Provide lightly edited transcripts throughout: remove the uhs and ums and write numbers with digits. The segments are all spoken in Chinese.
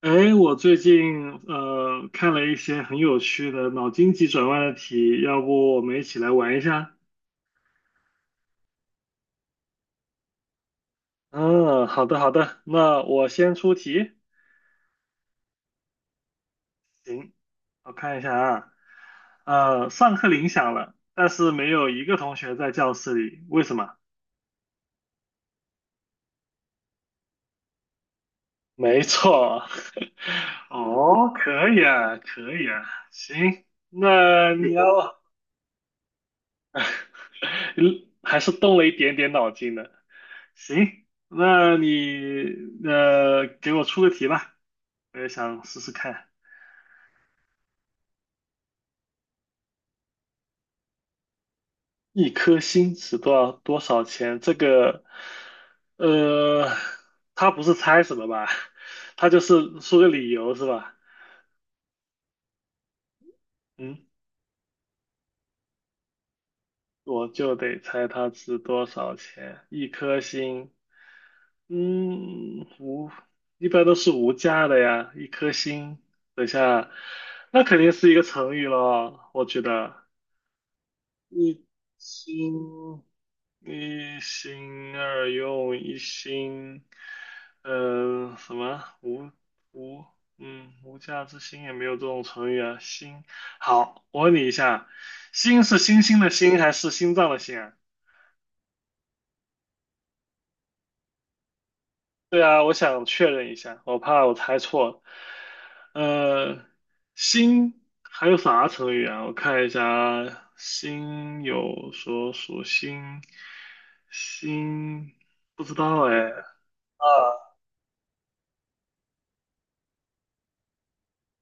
哎，我最近看了一些很有趣的脑筋急转弯的题，要不我们一起来玩一下？嗯，好的好的，那我先出题。行，我看一下啊，上课铃响了，但是没有一个同学在教室里，为什么？没错，哦，可以啊，可以啊，行，那你要 还是动了一点点脑筋的。行，那你给我出个题吧，我也想试试看。一颗星值多少钱？这个，呃，他不是猜什么吧？他就是说个理由是吧？嗯，我就得猜它值多少钱。一颗星，嗯，无，一般都是无价的呀。一颗星，等一下，那肯定是一个成语咯，我觉得。一心一心二用，一心，什么无，嗯，无价之心也没有这种成语啊。心，好，我问你一下，心是星星的心还是心脏的心啊？对啊，我想确认一下，我怕我猜错了。呃，心还有啥成语啊？我看一下啊，心有所属心，心不知道哎。啊，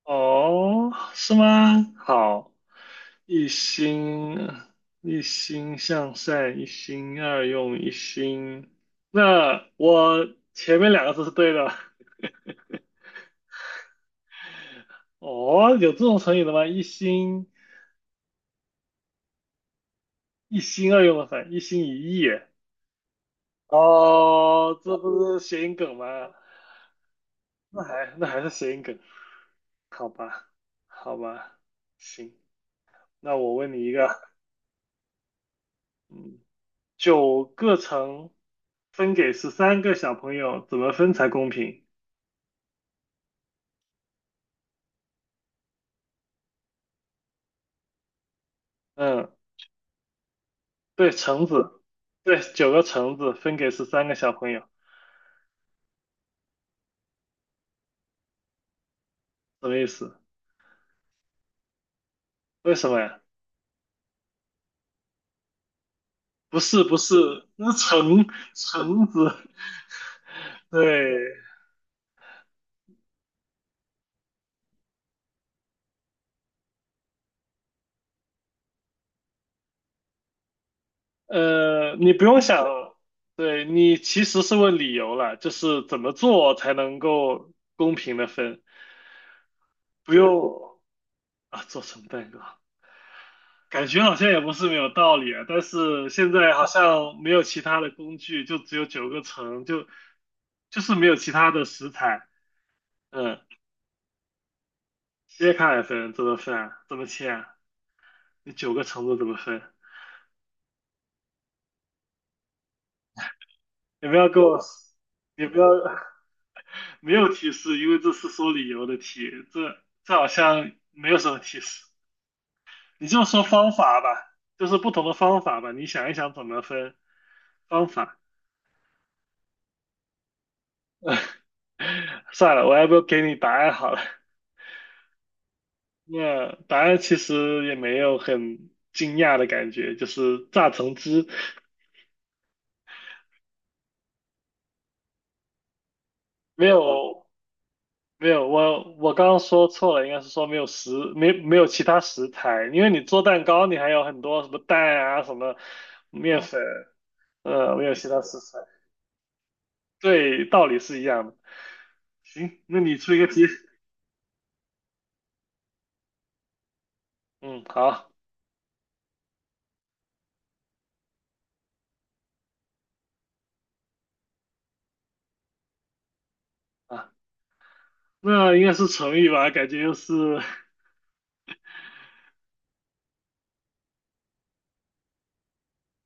哦，是吗？好，一心一心向善，一心二用，一心。那我前面2个字是对的。哦，有这种成语的吗？一心。一心二用的反，一心一意。哦，这不是谐音梗吗？那还是谐音梗，好吧，好吧，行。那我问你一个，嗯，九个橙分给十三个小朋友，怎么分才公平？嗯，对，橙子，对，9个橙子分给十三个小朋友，什么意思？为什么呀？不是不是，那是橙子，对，你不用想，对，你其实是问理由了，就是怎么做才能够公平的分，不用啊，做成蛋糕，感觉好像也不是没有道理啊，但是现在好像没有其他的工具，就只有九个层，就是没有其他的食材，嗯，切开来分怎么分啊？怎么切啊？你9个层子怎么分？你不要给我，你不要。没有提示，因为这是说理由的题，这好像没有什么提示。你就说方法吧，就是不同的方法吧，你想一想怎么分方法。算了，我要不要给你答案好了。那答案其实也没有很惊讶的感觉，就是榨橙汁，没有没有，我刚刚说错了，应该是说没有其他食材，因为你做蛋糕你还有很多什么蛋啊什么面粉，没有其他食材。对，道理是一样的。行，那你出一个题。嗯，好啊，那应该是成语吧？感觉又是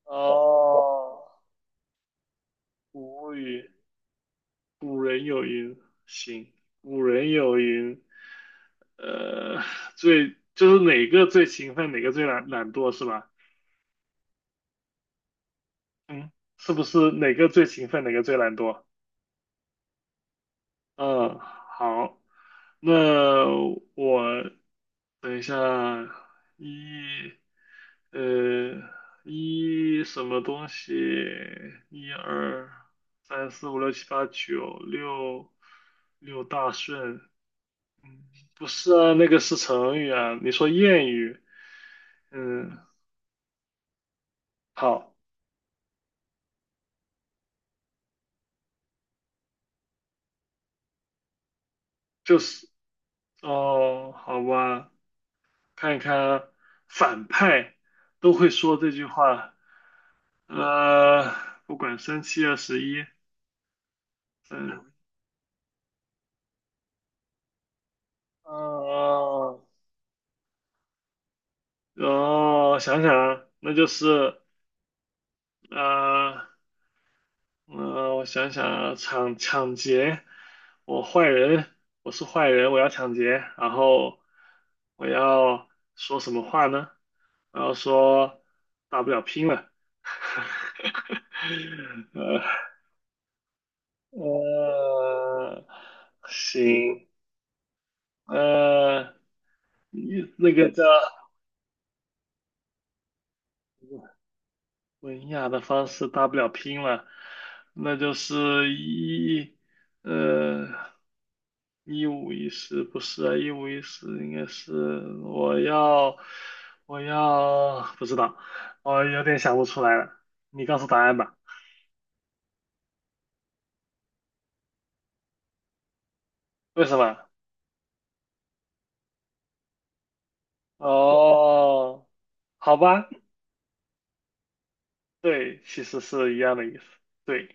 哦，古语，古人有云，行，古人有云，呃，就是哪个最勤奋，哪个最懒惰是吧？嗯，是不是哪个最勤奋，哪个最懒惰？嗯，好，那我等一下，一，呃，一什么东西？一二三四五六七八九六六大顺，不是啊，那个是成语啊。你说谚语，嗯，好，就是哦，好吧，看一看啊，反派都会说这句话，呃，不管三七二十一，嗯。哦，哦，想想啊，那就是啊，我想想啊，抢劫，我坏人，我是坏人，我要抢劫，然后我要说什么话呢？然后说大不了拼了，呃呃，行，呃，那个叫。文雅的方式大不了拼了，那就是一，呃，一五一十不是啊，一五一十应该是我要，我要不知道，我有点想不出来了，你告诉答案吧，为什么？哦，好吧，对，其实是一样的意思，对，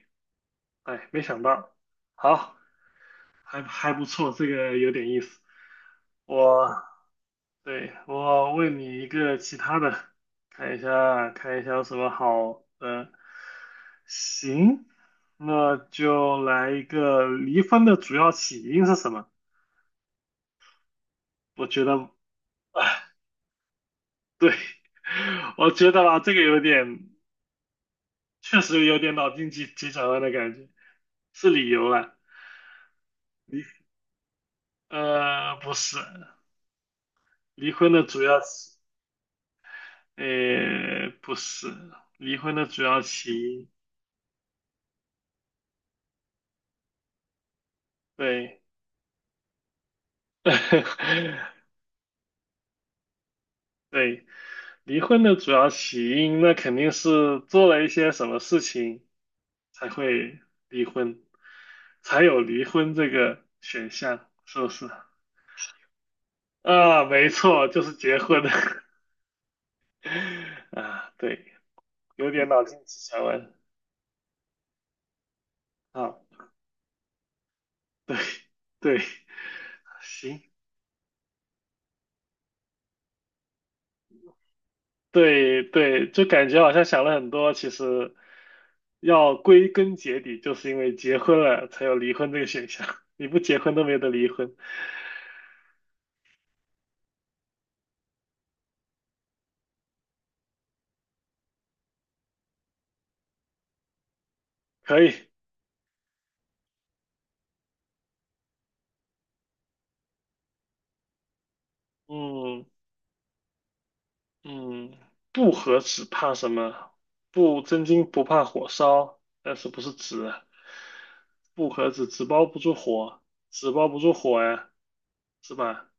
哎，没想到，好，还不错，这个有点意思，我。对，我问你一个其他的，看一下看一下有什么好的。行，那就来一个离婚的主要起因是什么？我觉得，啊，对，我觉得吧，这个有点，确实有点脑筋急转弯的感觉，是理由了。离，不是，离婚的主要起，呃，不是，离婚的主要起因，对。对，离婚的主要起因，那肯定是做了一些什么事情才会离婚，才有离婚这个选项，是不是？啊，没错，就是结婚。啊，对，有点脑筋急转弯。啊，对，对，行，对对，就感觉好像想了很多，其实要归根结底，就是因为结婚了才有离婚这个选项，你不结婚都没得离婚。可以，嗯嗯，不和纸怕什么？不真金不怕火烧，但是不是纸啊？不和纸纸包不住火，纸包不住火呀，是吧？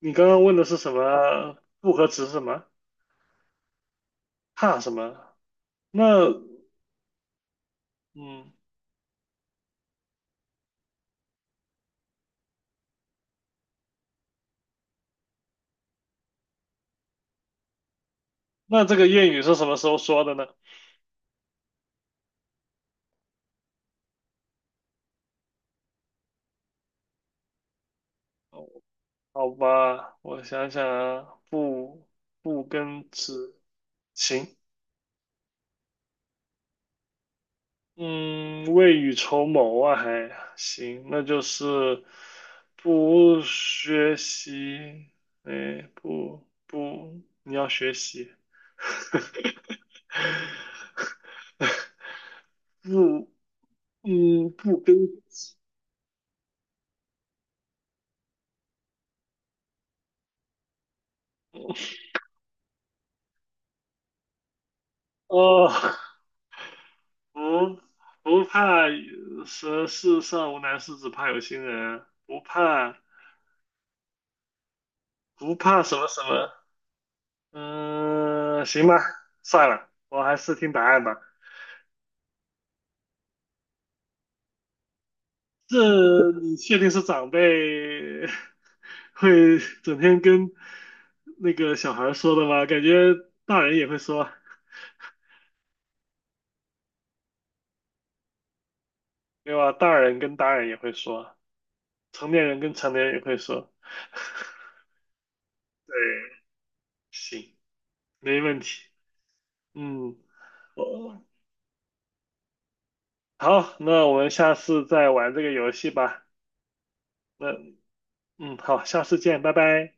你刚刚问的是什么？不和纸是什么？怕什么？那嗯，那这个谚语是什么时候说的呢？好吧，我想想啊，不跟纸，行，嗯，未雨绸缪啊，还行，那就是不学习，哎，不不，你要学习，不，嗯，不跟，哦，不不怕什世上无难事，只怕有心人啊，不怕什么什么，嗯，行吧，算了，我还是听答案吧。这你确定是长辈 会整天跟那个小孩说的吗？感觉大人也会说，对吧？大人跟大人也会说，成年人跟成年人也会说。对，行，没问题。嗯，我好，那我们下次再玩这个游戏吧。那好，下次见，拜拜。